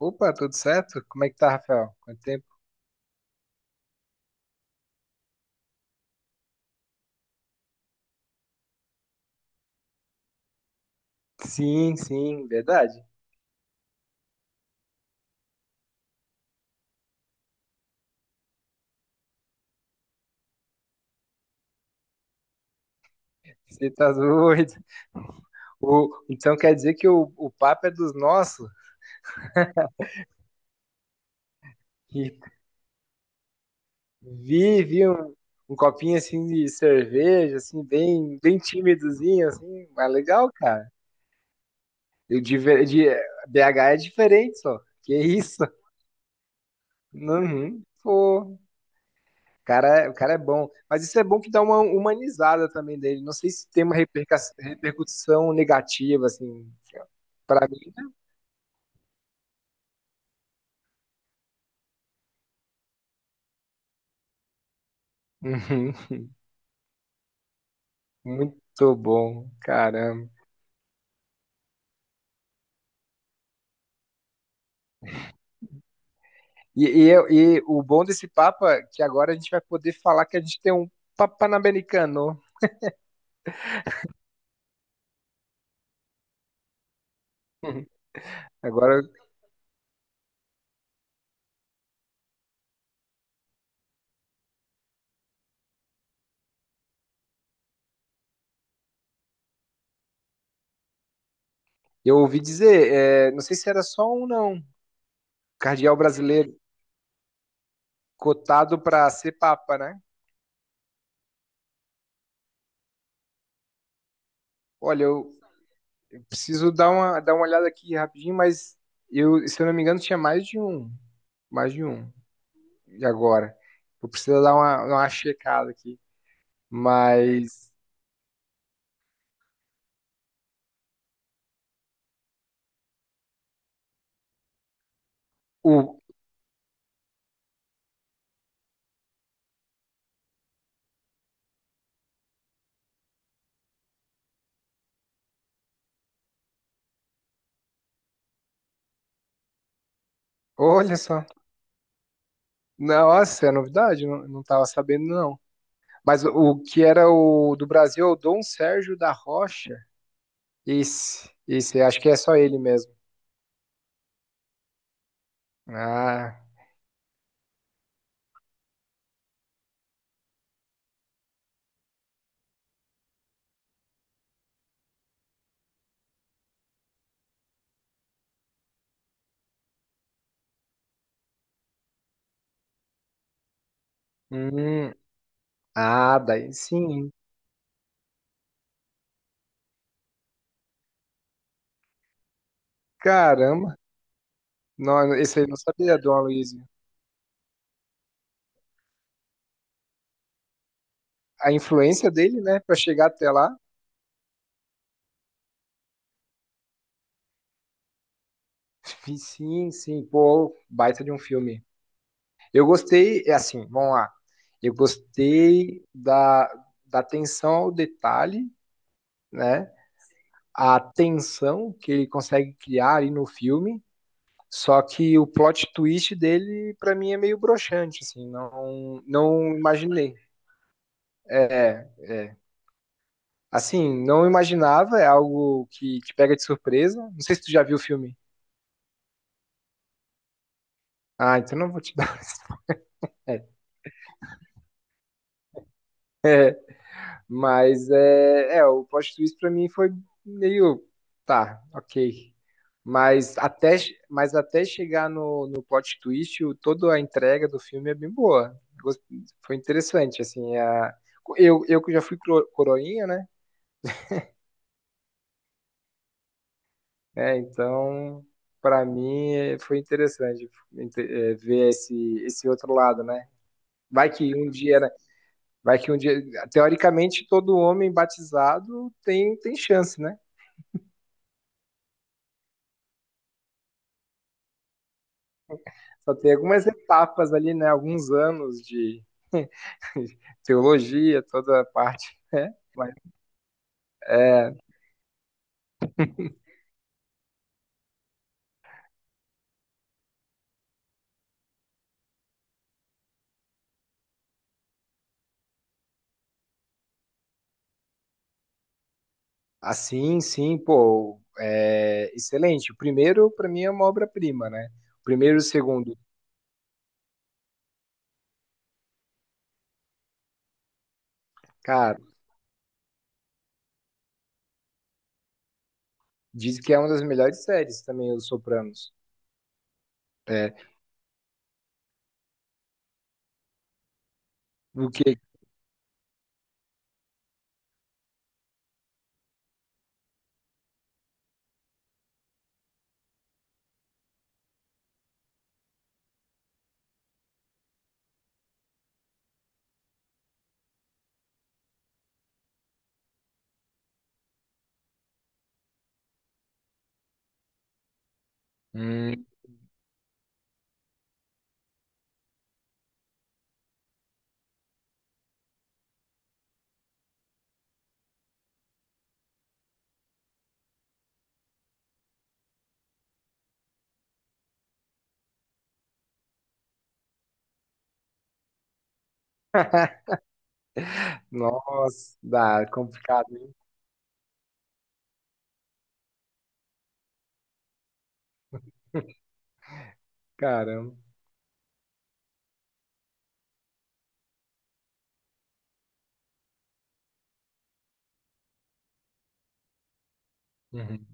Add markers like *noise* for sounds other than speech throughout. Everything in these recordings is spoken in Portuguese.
Opa, tudo certo? Como é que tá, Rafael? Quanto tempo? Sim, sim, verdade. Você tá *laughs* doido. Então quer dizer que o papo é dos nossos? E vi um copinho assim de cerveja, assim, bem tímidozinho, assim, mas legal, cara. Eu de, ver- de- BH é diferente, só. Que isso? *laughs* Uhum. Pô, cara, é, o cara é bom. Mas isso é bom que dá uma humanizada também dele. Não sei se tem uma repercussão negativa, assim. Pra mim, né? Uhum. Muito bom, caramba. E o bom desse papo é que agora a gente vai poder falar que a gente tem um papo Panamericano. Uhum. *laughs* Agora, eu ouvi dizer, é, não sei se era só um, não. Cardeal brasileiro cotado para ser papa, né? Olha, eu preciso dar uma olhada aqui rapidinho, mas eu, se eu não me engano, tinha mais de um. Mais de um. E agora? Vou precisar dar uma checada aqui. Mas o. Olha só. Nossa, é novidade, não, não tava sabendo, não. Mas o que era o do Brasil, é o Dom Sérgio da Rocha. Esse, acho que é só ele mesmo. Ah, hum, ah, daí sim. Caramba. Não, esse aí eu não sabia, Dom Aloysio. A influência dele, né, para chegar até lá. Sim, sim, pô, baita de um filme. Eu gostei, é assim, vamos lá. Eu gostei da atenção ao detalhe, né? A tensão que ele consegue criar ali no filme. Só que o plot twist dele, para mim, é meio broxante, assim, não, não imaginei. É, é. Assim, não imaginava, é algo que te pega de surpresa. Não sei se tu já viu o filme. Ah, então não vou te dar. *laughs* É, mas o plot twist pra mim foi meio, tá, ok. Mas até, mas até chegar no plot twist, o, toda a entrega do filme é bem boa. Gost- Foi interessante, assim, a, eu que já fui coroinha, né? É, então, pra mim é, foi interessante é, ver esse, esse outro lado, né? Vai que um dia, né? Vai que um dia, teoricamente, todo homem batizado tem, tem chance, né? Só tem algumas etapas ali, né? Alguns anos de *laughs* teologia, toda a parte, né? Mas, assim, sim, pô, é excelente. O primeiro, para mim, é uma obra-prima, né? O primeiro e o segundo, cara, diz que é uma das melhores séries também, Os Sopranos. É, o que? Hum, nossa, dá, é complicado, hein? Caramba. Uhum.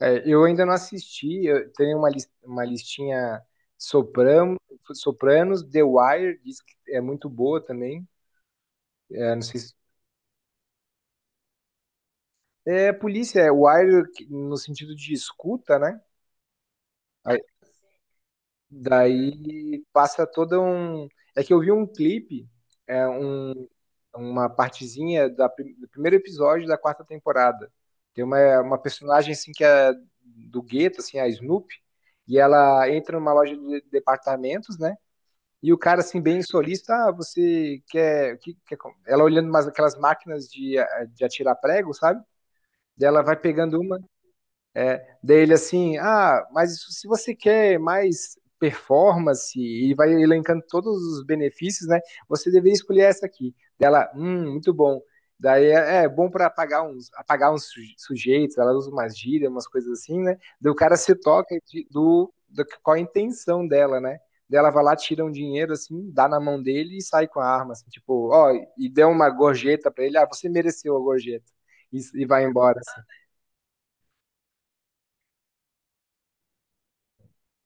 É, eu ainda não assisti, eu tenho uma, uma listinha Soprano, Sopranos, The Wire, diz que é muito boa também. É, não sei se- é polícia, é Wire no sentido de escuta, né? Aí- daí passa todo um. É que eu vi um clipe, é, uma partezinha da do primeiro episódio da quarta temporada. Tem uma personagem assim que é do gueto, assim, a Snoopy, e ela entra numa loja de departamentos, né? E o cara, assim, bem solista, ah, você quer, quer com-" Ela olhando umas, aquelas máquinas de, de atirar prego, sabe? Daí ela vai pegando uma dele assim, ah, mas isso, se você quer mais performance e vai elencando todos os benefícios, né? Você deveria escolher essa aqui. Dela, muito bom. Daí é, é bom para apagar uns sujeitos, ela usa umas gírias, umas coisas assim, né? Daí o cara se toca de, do qual a intenção dela, né? Dela vai lá, tira um dinheiro assim, dá na mão dele e sai com a arma, assim, tipo, ó, e deu uma gorjeta para ele, ah, você mereceu a gorjeta e vai embora. Assim.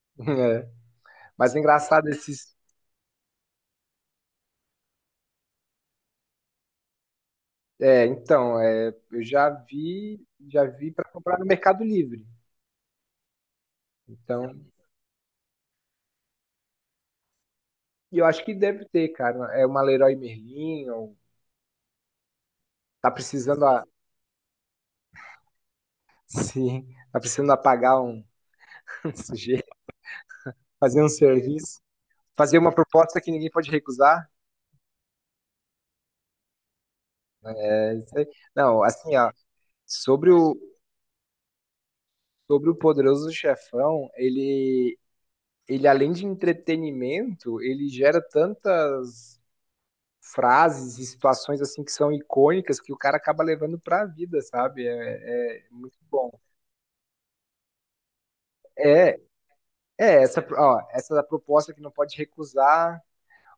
*laughs* É. Mas é engraçado esses, é, então, é, eu já vi para comprar no Mercado Livre. Então, e eu acho que deve ter, cara. É uma Leroy Merlin, ou tá precisando a, sim, tá precisando apagar um *laughs* sujeito, fazer um serviço, fazer uma proposta que ninguém pode recusar. É, isso aí. Não, assim, ó, sobre o sobre o Poderoso Chefão, ele além de entretenimento, ele gera tantas frases e situações assim que são icônicas que o cara acaba levando para a vida, sabe? É, é é muito bom. É, é essa, ó, essa da proposta que não pode recusar.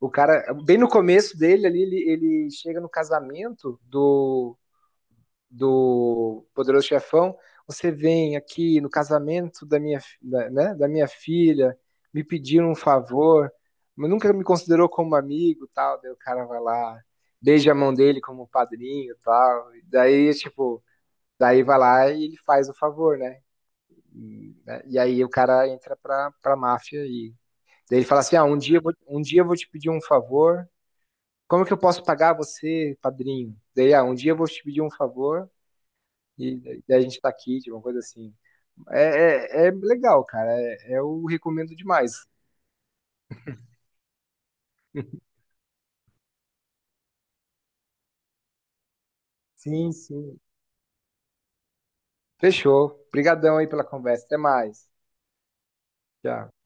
O cara, bem no começo dele ali, ele chega no casamento do Poderoso Chefão, você vem aqui no casamento da minha, da, né, da minha filha, me pedir um favor, mas nunca me considerou como amigo, tal, daí o cara vai lá, beija a mão dele como padrinho, tal, e daí, tipo, daí vai lá e ele faz o favor, né, e, né, e aí o cara entra pra máfia e daí ele fala assim, ah, um dia, um dia eu vou te pedir um favor, como que eu posso pagar você, padrinho? Daí, ah, um dia eu vou te pedir um favor, e daí a gente tá aqui, tipo uma coisa assim. É, é, é legal, cara. É, é, eu recomendo demais. Sim, sim. Fechou. Obrigadão aí pela conversa. Até mais. Tchau.